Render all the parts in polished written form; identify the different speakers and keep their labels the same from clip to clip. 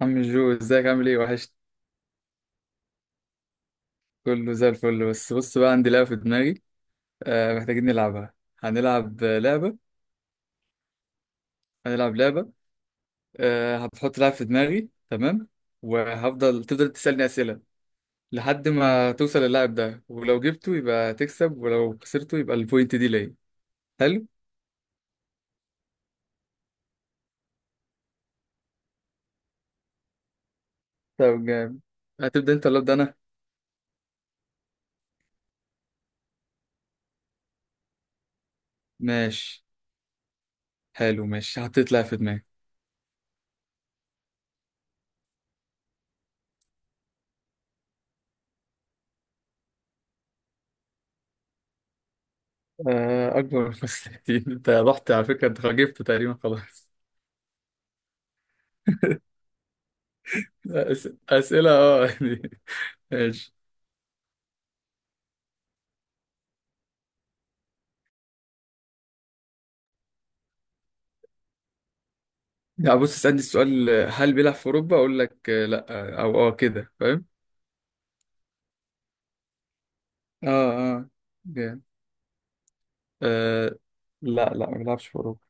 Speaker 1: عم جو ازيك؟ عامل ايه؟ وحشت. كله زي الفل. بس بص بقى، عندي لعبة في دماغي. محتاجين نلعبها. هنلعب لعبة. هنلعب لعبة. آه، هتحط لعب في دماغي، تمام؟ وهفضل تفضل تسألني أسئلة لحد ما توصل للاعب ده، ولو جبته يبقى تكسب، ولو خسرته يبقى البوينت دي ليا. حلو. طب جامد. هتبدأ انت ولا أبدأ أنا؟ ماشي، حلو. ماشي، حطيت لعب في دماغي. آه، أكبر من 65. انت رحت على فكرة، انت جبته تقريبا، خلاص. أسئلة، اه. ماشي. يعني بص، اسألني السؤال هل بيلعب في أوروبا، أقول لك لأ. أو كده، فاهم؟ اه اه. جامد. آه. لا، ما بيلعبش في أوروبا.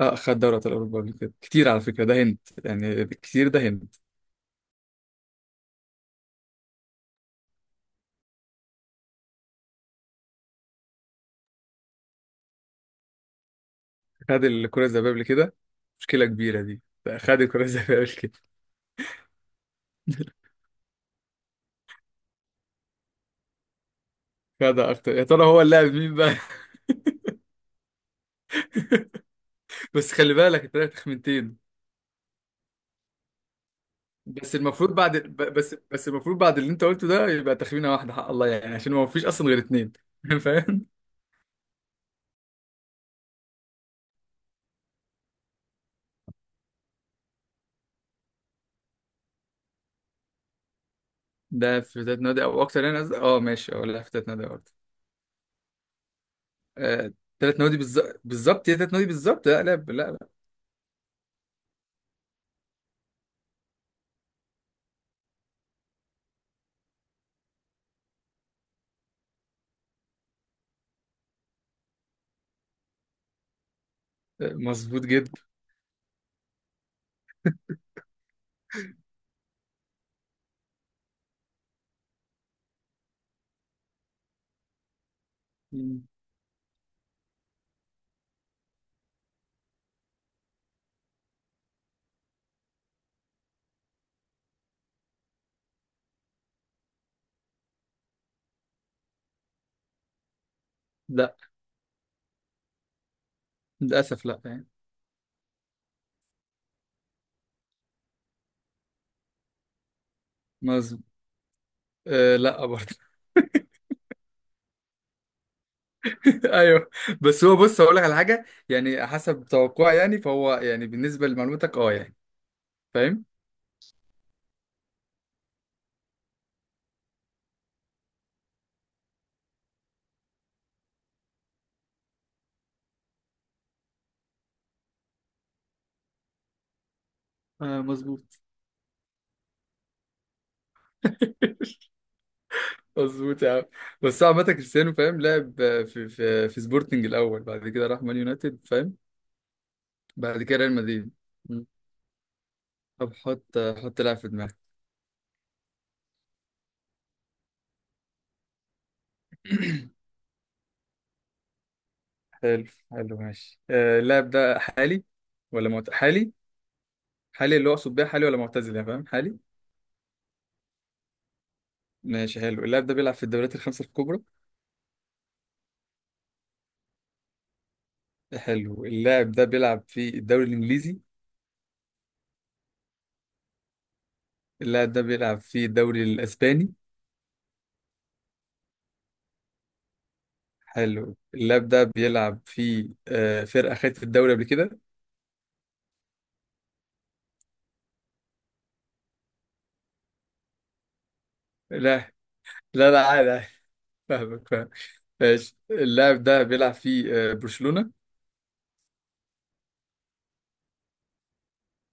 Speaker 1: اه، خد دوري أبطال أوروبا قبل كده كتير، على فكرة ده هنت يعني، كتير ده هنت. خد الكرة الذهبية قبل كده. مشكلة كبيرة دي. خد الكرة الذهبية قبل كده. خدها أكتر؟ يا ترى هو اللاعب مين بقى؟ بس خلي بالك، أنت لك تخمينتين. بس المفروض بعد بس المفروض بعد اللي أنت قلته ده يبقى تخمينة واحدة حق الله، يعني عشان هو مفيش أصلا غير اتنين. فاهم. ده في تلات نوادي او اكتر، يعني قصدي اه، ماشي اه، لا في تلات نوادي برضه. آه، تلات نوادي بالظبط، بالظبط هي تلات نوادي بالظبط، لا. آه، مظبوط جدا. مم. لا، للاسف لا يعني. مظبوط. آه، لا برضه. ايوه. بس هو بص، هقول لك على حاجه يعني، حسب توقعي يعني، فهو يعني بالنسبه لمعلوماتك اه، يعني فاهم. آه، مظبوط. مظبوط يا عم. بس هو عامة كريستيانو فاهم، لعب في في سبورتنج الأول، بعد كده راح مان يونايتد، فاهم. بعد كده ريال مدريد. مم. طب حط لاعب في دماغك. حلو. حلو، ماشي. آه، اللاعب ده حالي ولا حالي؟ حالي اللي هو اقصد بيها حالي ولا معتزل، يعني فاهم حالي. ماشي، حلو. اللاعب ده بيلعب في الدوريات الخمسة الكبرى. حلو. اللاعب ده بيلعب في الدوري الإنجليزي. اللاعب ده بيلعب في الدوري الأسباني. حلو. اللاعب ده بيلعب في فرقة خدت الدوري قبل كده. لا، لا، عادي عادي. فاهمك، فاهم. ماشي. اللاعب ده بيلعب في برشلونة.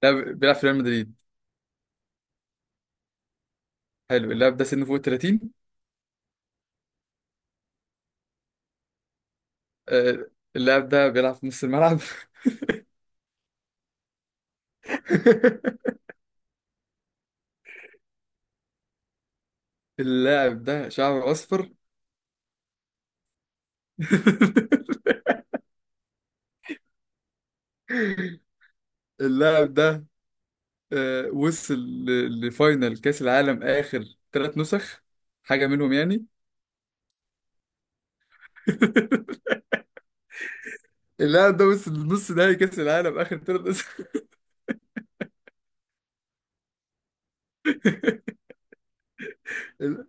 Speaker 1: بيلعب في ريال مدريد. حلو. اللاعب ده سنه فوق ال 30. آه، اللاعب ده بيلعب في نص الملعب. اللاعب ده شعره أصفر. اللاعب ده، وصل لفاينل كأس العالم آخر ثلاث نسخ، حاجة منهم يعني. اللاعب ده وصل لنص نهائي كأس العالم آخر ثلاث نسخ. ال-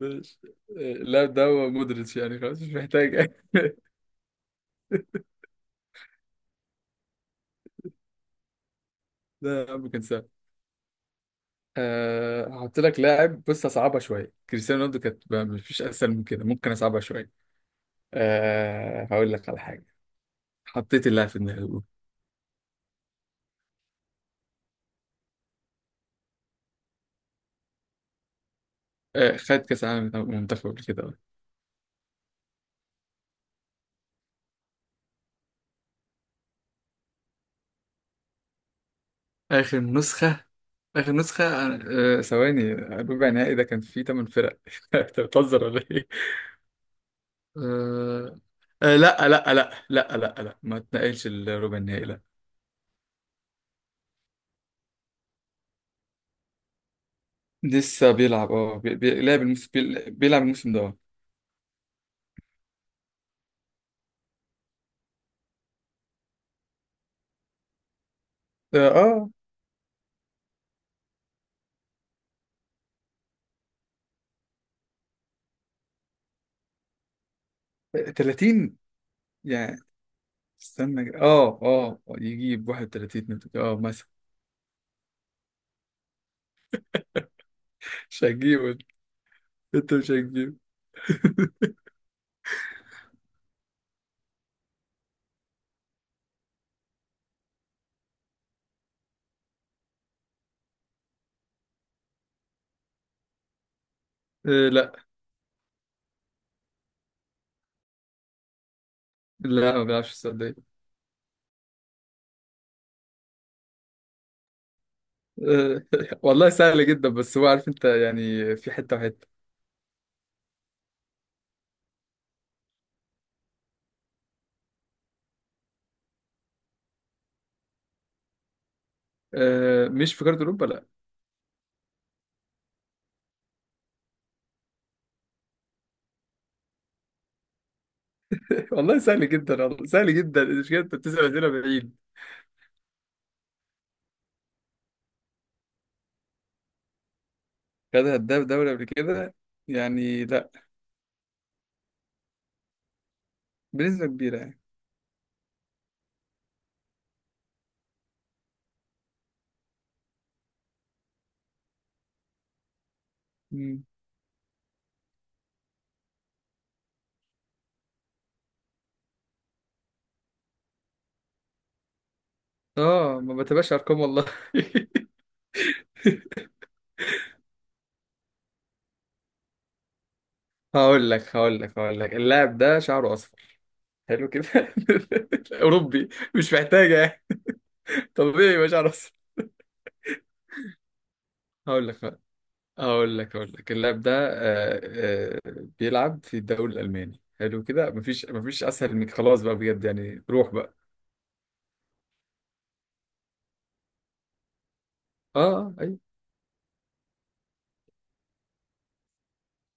Speaker 1: ماشي. اللاعب ده هو مودريتش، يعني خلاص مش محتاج. لا يا عم، كان سهل. هحط لك لاعب، بص هصعبها شوية، كريستيانو رونالدو كانت بقى مفيش أسهل من كده، ممكن أصعبها شوية. هقول لك على حاجة، حطيت اللاعب في دماغي. خد كأس العالم بتاع منتخب قبل كده، آه. آخر نسخة. آخر نسخة. آه، ثواني، الربع النهائي ده كان فيه تمن فرق، أنت بتهزر ولا إيه؟ آه، آه، لا آه، لا آه، لا لا آه، لا آه، لا ما اتنقلش الربع النهائي لا. لسه بيلعب، اه، لعب الموسم، بيلعب الموسم ده، اه. اه. آه، 30 يعني، استنى اه، اه يجيب 31 اه مثلا. مش هتجيبه. انت مش هتجيبه. لا، لا ما بيلعبش السعودية. آه. والله سهل جدا، بس هو عارف انت يعني في حته وحته. مش في كارت اوروبا، لا. والله سهل جدا، والله سهل جدا، مش كده انت بتسال اسئله بعيد. خدها هداف دوري قبل كده؟ يعني لا. بنسبه كبيره يعني. مم. اه، ما بتبقاش ارقام والله. هقول لك اللاعب ده شعره اصفر، حلو كده. اوروبي، مش محتاجه يعني، طبيعي يبقى شعره اصفر. هقول لك، اقول لك اللاعب ده، بيلعب في الدوري الالماني، حلو كده. مفيش اسهل من، خلاص بقى بجد يعني، روح بقى. اه. آه، ايوه.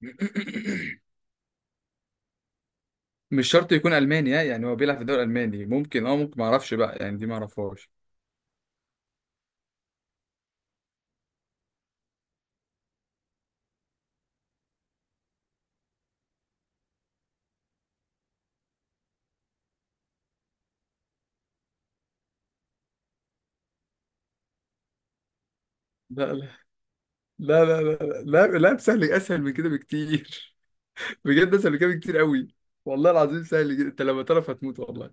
Speaker 1: مش شرط يكون الماني ها، يعني هو بيلعب في الدوري الالماني ممكن، اه ممكن، ما اعرفش بقى يعني، دي ما اعرفهاش. لا لا لا لا لا لا لا لا، سهل، اسهل من كده بكتير. بجد، اسهل من كده بكتير قوي. والله العظيم سهل جدا، انت لما تعرف هتموت والله.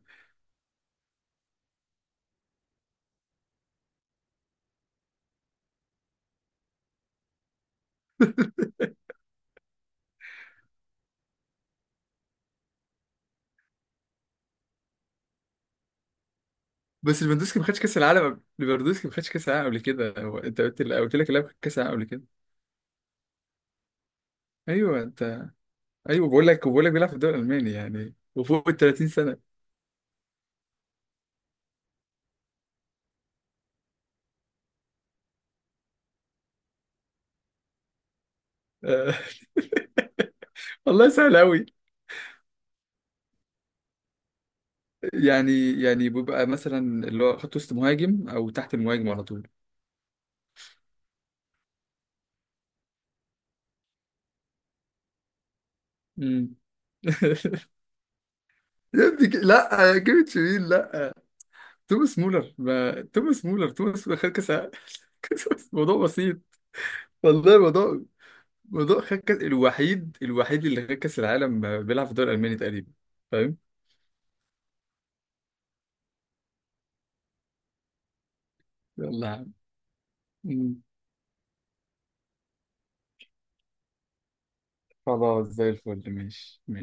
Speaker 1: بس ليفاندوسكي ما خدش كاس العالم ليفاندوسكي ما خدش كاس العالم قبل كده، هو انت قلت، قلت لك اللاعب خد كاس العالم قبل كده. ايوه انت. ايوه، بقول لك بيلعب في الدوري الالماني يعني، وفوق ال 30 سنه. آه. والله سهل قوي. يعني بيبقى مثلا اللي هو خط وسط مهاجم، او تحت المهاجم على طول. مم. يا ابني، لا يا جيمي تشيرين، لا. توماس مولر ما... توماس مولر خد كاس العالم. كاس العالم، موضوع بسيط. والله موضوع، موضوع خد كاس، الوحيد، الوحيد اللي خد كاس العالم بيلعب في الدوري الالماني تقريبا، فاهم. يلا يا عم. مم. خلاص زي الفل، ماشي ماشي.